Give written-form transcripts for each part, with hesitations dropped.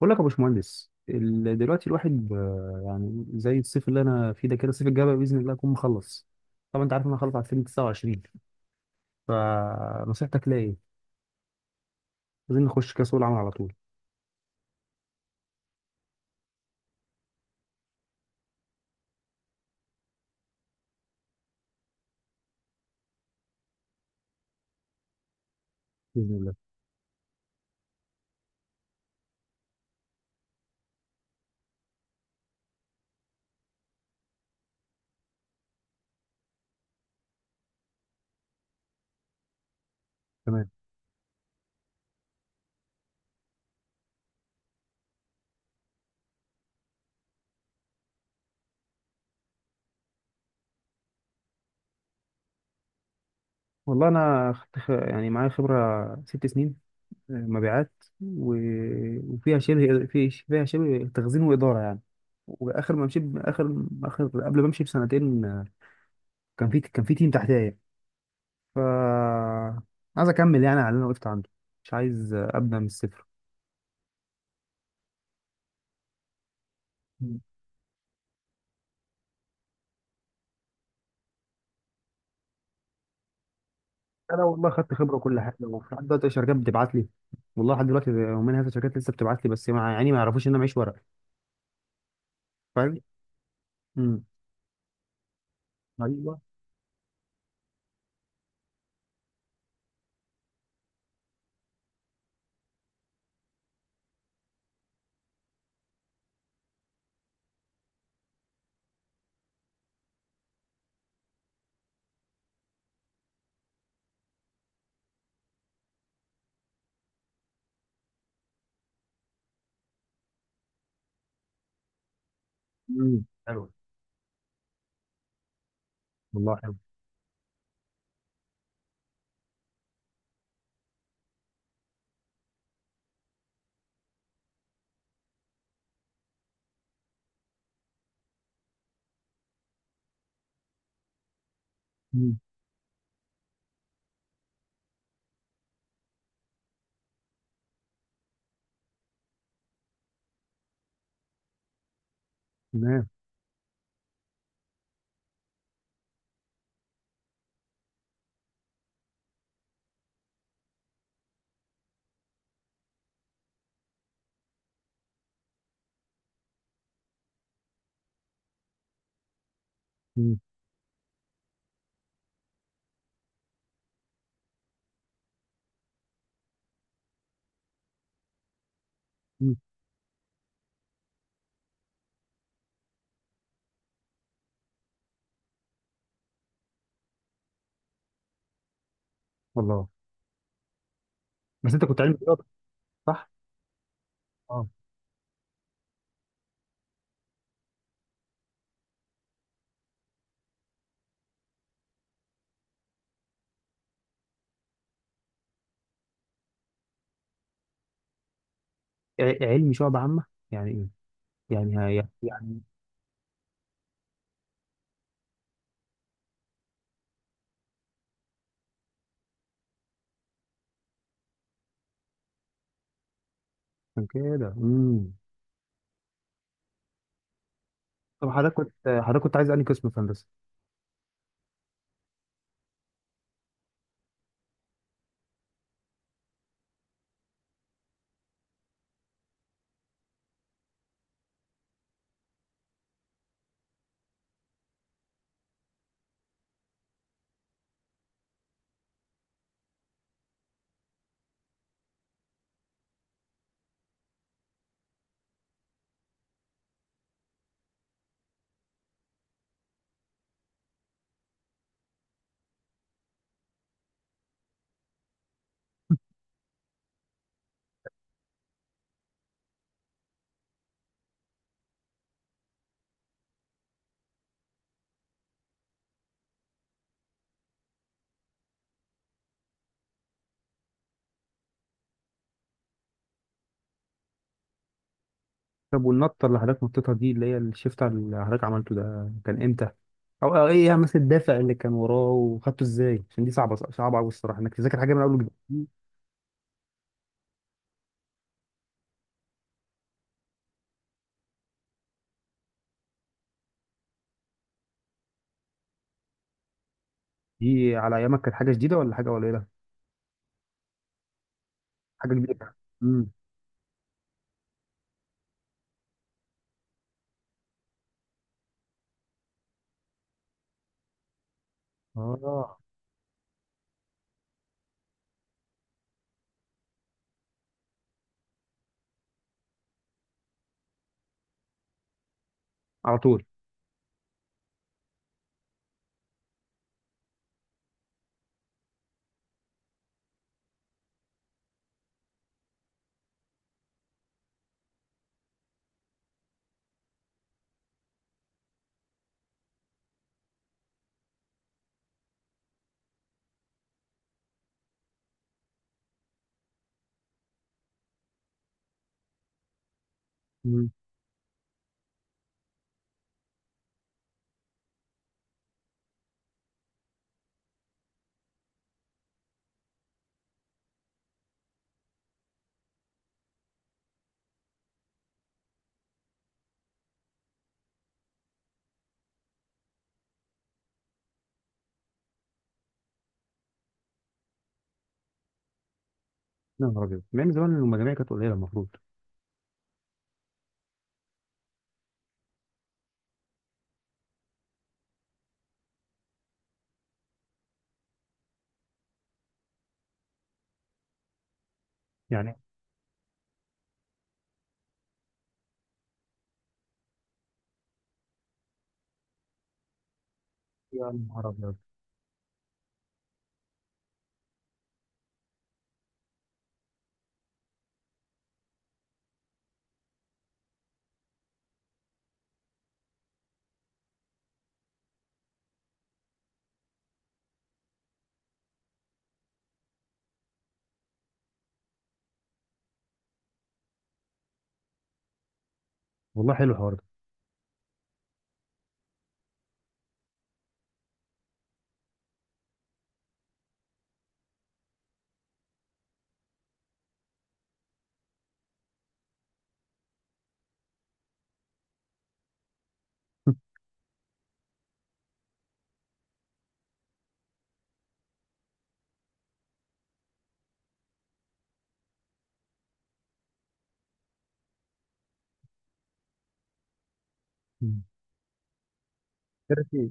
بقول لك يا باشمهندس دلوقتي الواحد يعني زي الصيف اللي انا فيه ده كده، الصيف الجاي بقى باذن الله اكون مخلص. طبعا انت عارف إن انا خلصت على 2029. فنصيحتك ليا ايه؟ عايزين نخش كاس العالم على طول. باذن الله. تمام. والله انا يعني معايا خبره 6 سنين، مبيعات. و... وفيها شبه في فيها شبه تخزين واداره يعني. واخر ما مشيت اخر اخر قبل ما امشي بسنتين، كان في تيم تحتيا يعني. ف عايز اكمل يعني على اللي انا وقفت عنده. مش عايز ابدا من الصفر. مم. انا والله خدت خبره وكل حاجه، وفي لحد دلوقتي شركات بتبعت لي. والله لحد دلوقتي، ومنها في شركات لسه بتبعت لي، بس مع يعني ما يعرفوش ان انا معيش ورق. فاهم. امم. ايوه. امم، حلو. والله حلو. امم. تمام. امم. امم. والله. بس انت كنت علمي رياضه، صح؟ اه. علمي شعب عامه يعني ايه؟ يعني يعني عشان كده. امم. طب حضرتك كنت عايز انهي قسم في هندسه؟ طب والنطة اللي حضرتك نطيتها دي، اللي هي الشيفت اللي حضرتك عملته ده، كان امتى؟ او ايه مثلا الدافع اللي كان وراه وخدته ازاي؟ عشان دي صعبة صعبة قوي الصراحة انك تذاكر حاجة من اول وجديد دي. دي على ايامك كانت حاجة جديدة ولا حاجة قليلة؟ حاجة كبيرة. امم. اه، على طول. امم. يا نهار ابيض، ما من زمان المجاميع كانت قليلة المفروض. يعني، يا نهار ابيض. والله حلو الحوار ده. مم. عارف ايه؟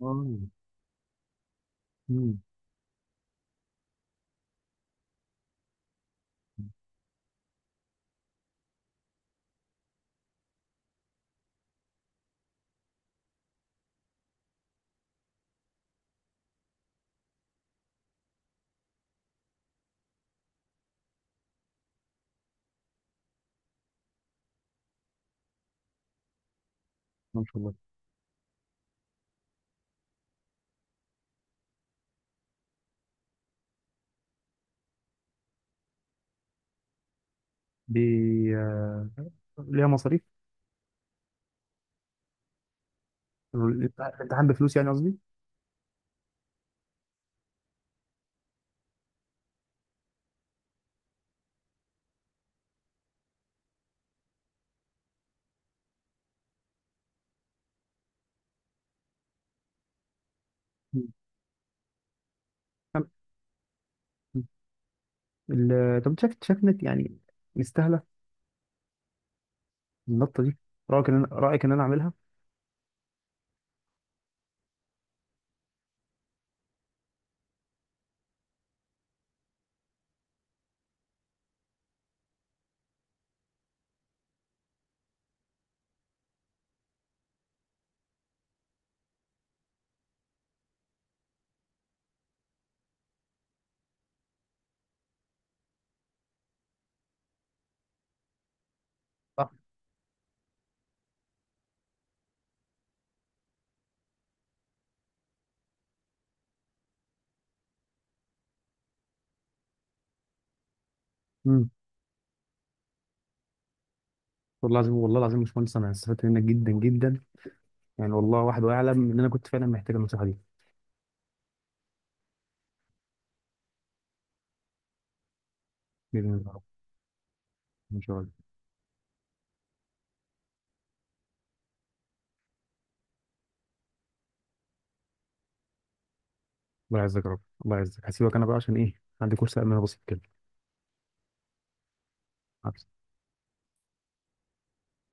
اه. امم. ما شاء الله. بي... آه، ليها مصاريف. الامتحان بفلوس يعني، قصدي. مم. طب شايف انك يعني مستاهله النطه دي. رايك ان انا اعملها؟ صح. امم. والله العظيم، والله العظيم يا باشمهندس، انا استفدت منك جدا جدا. يعني والله واحد واعلم ان انا كنت فعلا محتاج النصيحه دي. باذن الله يا رب. ان شاء الله. الله يعزك يا رب. الله يعزك. هسيبك انا بقى عشان ايه، عندي كورس امن بسيط كده.